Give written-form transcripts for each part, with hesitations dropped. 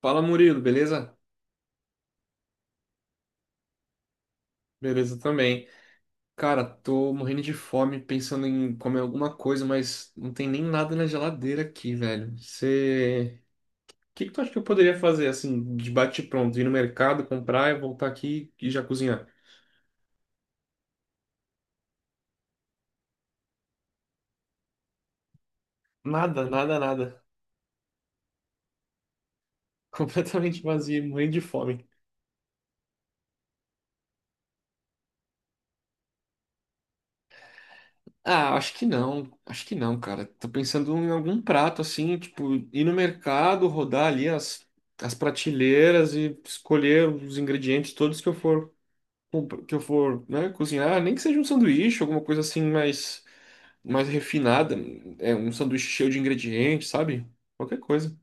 Fala Murilo, beleza? Beleza também. Cara, tô morrendo de fome, pensando em comer alguma coisa, mas não tem nem nada na geladeira aqui, velho. Você. O que que tu acha que eu poderia fazer, assim, de bate-pronto? Ir no mercado, comprar e voltar aqui e já cozinhar? Nada, nada, nada. Completamente vazio, morrendo de fome. Ah, acho que não. Acho que não, cara. Tô pensando em algum prato, assim, tipo, ir no mercado, rodar ali as prateleiras e escolher os ingredientes todos que eu for. Que eu for, né, cozinhar, nem que seja um sanduíche, alguma coisa assim mais, mais refinada, é um sanduíche cheio de ingredientes, sabe? Qualquer coisa.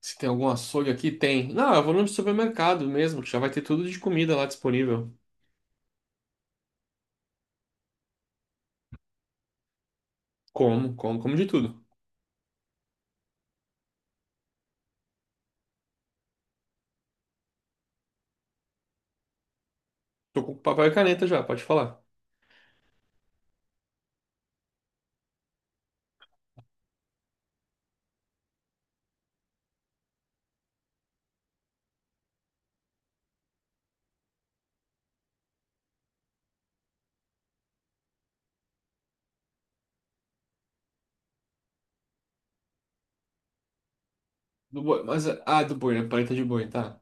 Se tem algum açougue aqui, tem. Não, eu vou no supermercado mesmo, que já vai ter tudo de comida lá disponível. Como, como, como de tudo. Tô com papel e caneta já, pode falar. Do boi, mas, ah, do boi, né? Paleta de boi, tá.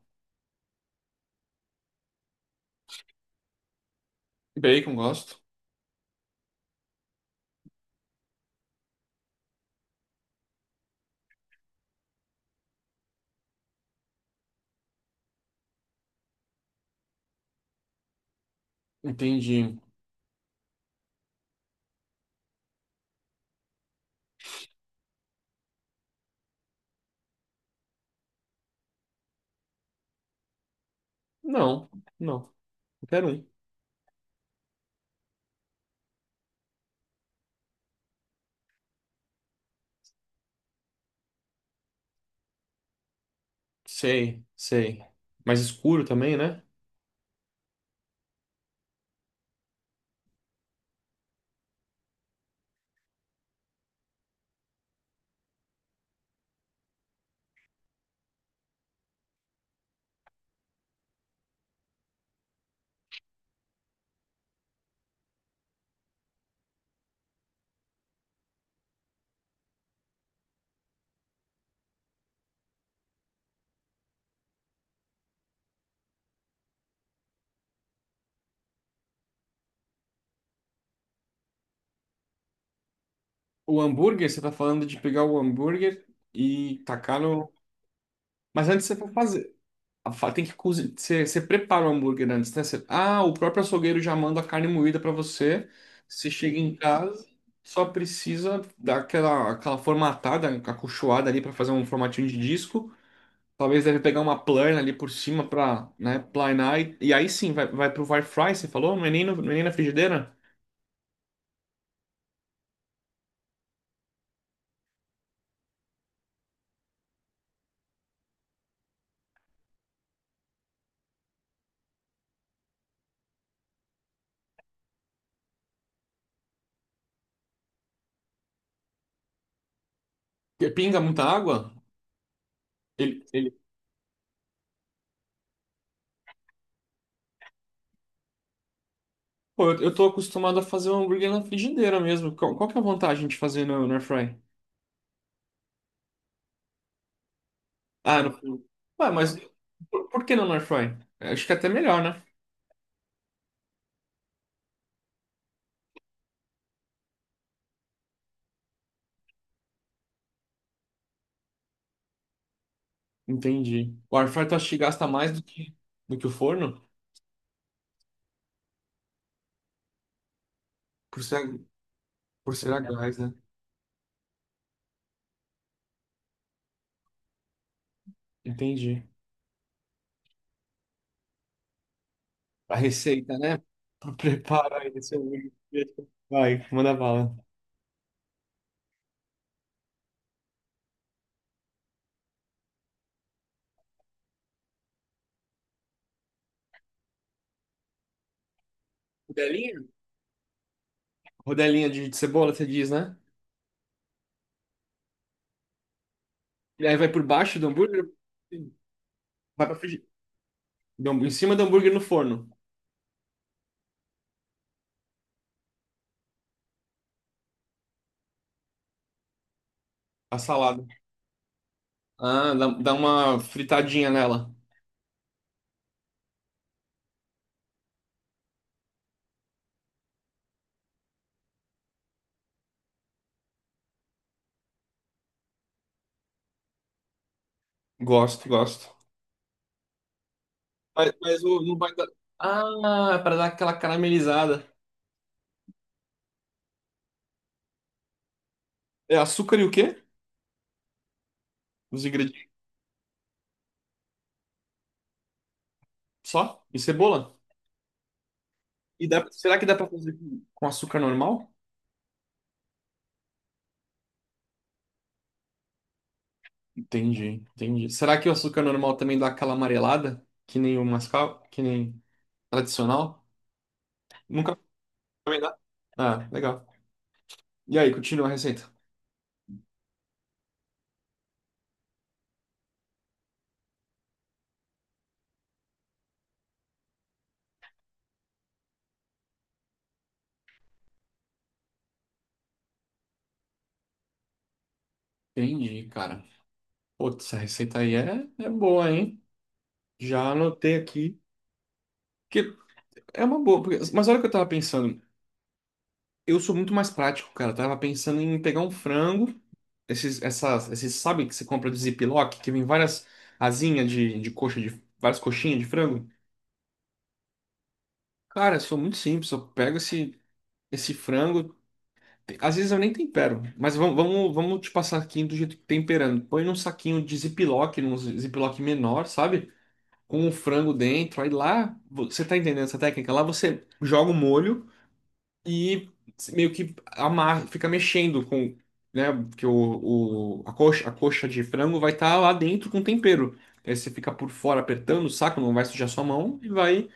Bacon, gosto. Entendi. Não, não. Quero um. Sei, sei. Mais escuro também, né? O hambúrguer, você tá falando de pegar o hambúrguer e tacar no. Mas antes você vai fazer. Tem que cozinhar. Você prepara o hambúrguer antes, né? Você... Ah, o próprio açougueiro já manda a carne moída pra você. Você chega em casa, só precisa dar aquela, aquela formatada, acolchoada ali pra fazer um formatinho de disco. Talvez deve pegar uma plana ali por cima pra, né, planar. E aí sim, vai, vai pro air fry, você falou? Não é nem, não é nem na frigideira? Pinga muita água? Ele, ele- Pô, eu tô acostumado a fazer um hambúrguer na frigideira mesmo. Qual, qual que é a vantagem de fazer no air fry? Ah, no... forno. Ué, mas por que não no air fry? Acho que é até melhor, né? Entendi. O air fry tu acha que gasta mais do que o forno? Por ser, por ser a gás, né? Entendi. A receita, né? Pra preparar esse hambúrguer. Vai, manda bala. Rodelinha? Rodelinha de cebola, você diz, né? E aí vai por baixo do hambúrguer. Sim. Vai pra frigideira. Em cima do hambúrguer no forno. A salada. Ah, dá, dá uma fritadinha nela. Gosto, gosto. Mas não vai dar. Ah, é pra dar aquela caramelizada. É açúcar e o quê? Os ingredientes só? E cebola? E dá, será que dá pra fazer com açúcar normal? Entendi, entendi. Será que o açúcar normal também dá aquela amarelada? Que nem o mascavo, que nem tradicional? Nunca também dá. Ah, legal. E aí, continua a receita. Entendi, cara. Putz, essa receita aí é, é boa, hein? Já anotei aqui. Que É uma boa, porque... mas olha o que eu tava pensando. Eu sou muito mais prático, cara. Eu tava pensando em pegar um frango, esses, essas, esses, sabe que você compra de Ziploc, que vem várias asinhas de coxa, de várias coxinhas de frango? Cara, eu sou muito simples, eu pego esse, esse frango, às vezes eu nem tempero, mas vamos, vamos, vamos te passar aqui do jeito que temperando. Põe num saquinho de Ziploc, num Ziploc menor, sabe? Com o frango dentro, aí lá, você tá entendendo essa técnica? Lá você joga o molho. E meio que amar, fica mexendo com, né, porque a coxa de frango vai estar lá dentro com tempero. Aí você fica por fora apertando o saco, não vai sujar sua mão e vai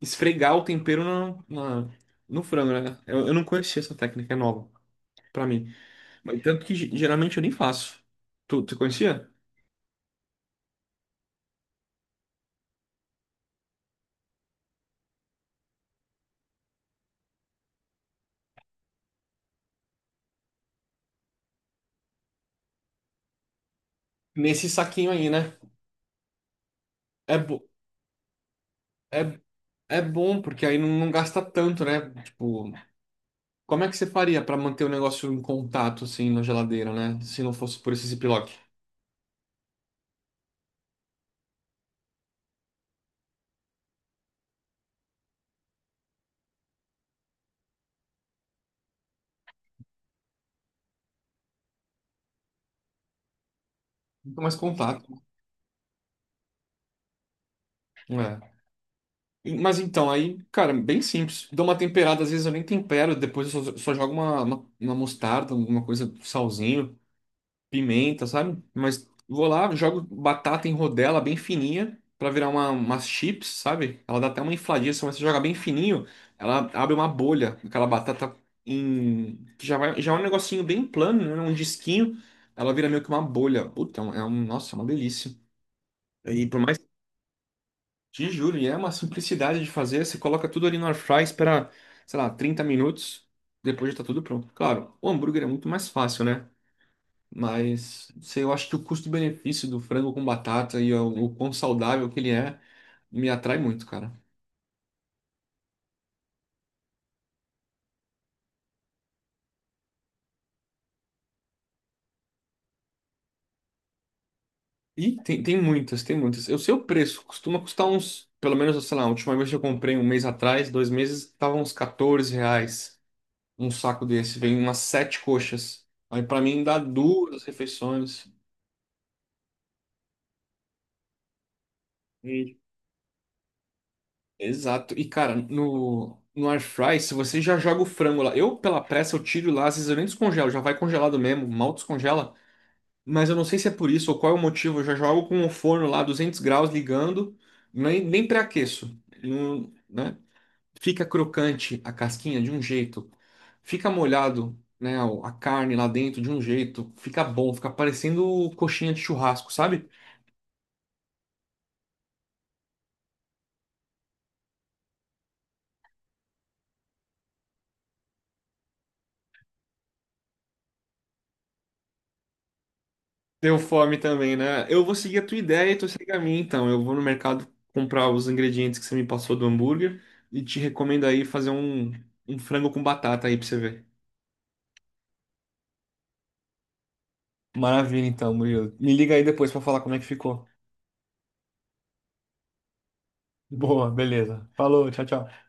esfregar o tempero na- no frango, né? Eu não conhecia essa técnica, é nova pra mim. Mas tanto que geralmente eu nem faço. Tu, tu conhecia? Nesse saquinho aí, né? É, bo É, é bom, porque aí não, não gasta tanto, né? Tipo, como é que você faria para manter o negócio em contato, assim, na geladeira, né? Se não fosse por esse ziplock? Muito mais contato. É. E... mas então, aí, cara, bem simples. Dou uma temperada, às vezes eu nem tempero, depois eu só, só jogo uma mostarda, alguma coisa, salzinho, pimenta, sabe? Mas vou lá, jogo batata em rodela bem fininha pra virar uma, umas chips, sabe? Ela dá até uma infladinha, mas você joga bem fininho, ela abre uma bolha, aquela batata em que já vai, já é um negocinho bem plano, né? Um disquinho, ela vira meio que uma bolha. Puta, é um, é nossa, é uma delícia. E por mais, te juro, e é uma simplicidade de fazer, você coloca tudo ali no air fry, espera, sei lá, 30 minutos, depois já tá tudo pronto. Claro, o hambúrguer é muito mais fácil, né? Mas sei, eu acho que o custo-benefício do frango com batata e o quão saudável que ele é me atrai muito, cara. E tem, tem muitas, tem muitas. Eu sei o preço, costuma custar uns, pelo menos, sei lá, a última vez que eu comprei um mês atrás, dois meses, tava uns R$ 14 um saco desse. Vem umas 7 coxas. Aí pra mim dá duas refeições. E... exato. E, cara, no air fry, se você já joga o frango lá, eu pela pressa eu tiro lá, às vezes eu nem descongelo, já vai congelado mesmo, mal descongela. Mas eu não sei se é por isso ou qual é o motivo. Eu já jogo com o forno lá 200 graus ligando, nem, nem pré-aqueço. Ele não... né? Fica crocante a casquinha de um jeito, fica molhado, né, a carne lá dentro de um jeito, fica bom, fica parecendo coxinha de churrasco, sabe? Deu fome também, né? Eu vou seguir a tua ideia e tu segue a minha, então. Eu vou no mercado comprar os ingredientes que você me passou do hambúrguer e te recomendo aí fazer um, um frango com batata aí pra você ver. Maravilha, então, Murilo. Me liga aí depois pra falar como é que ficou. Boa, beleza. Falou, tchau, tchau.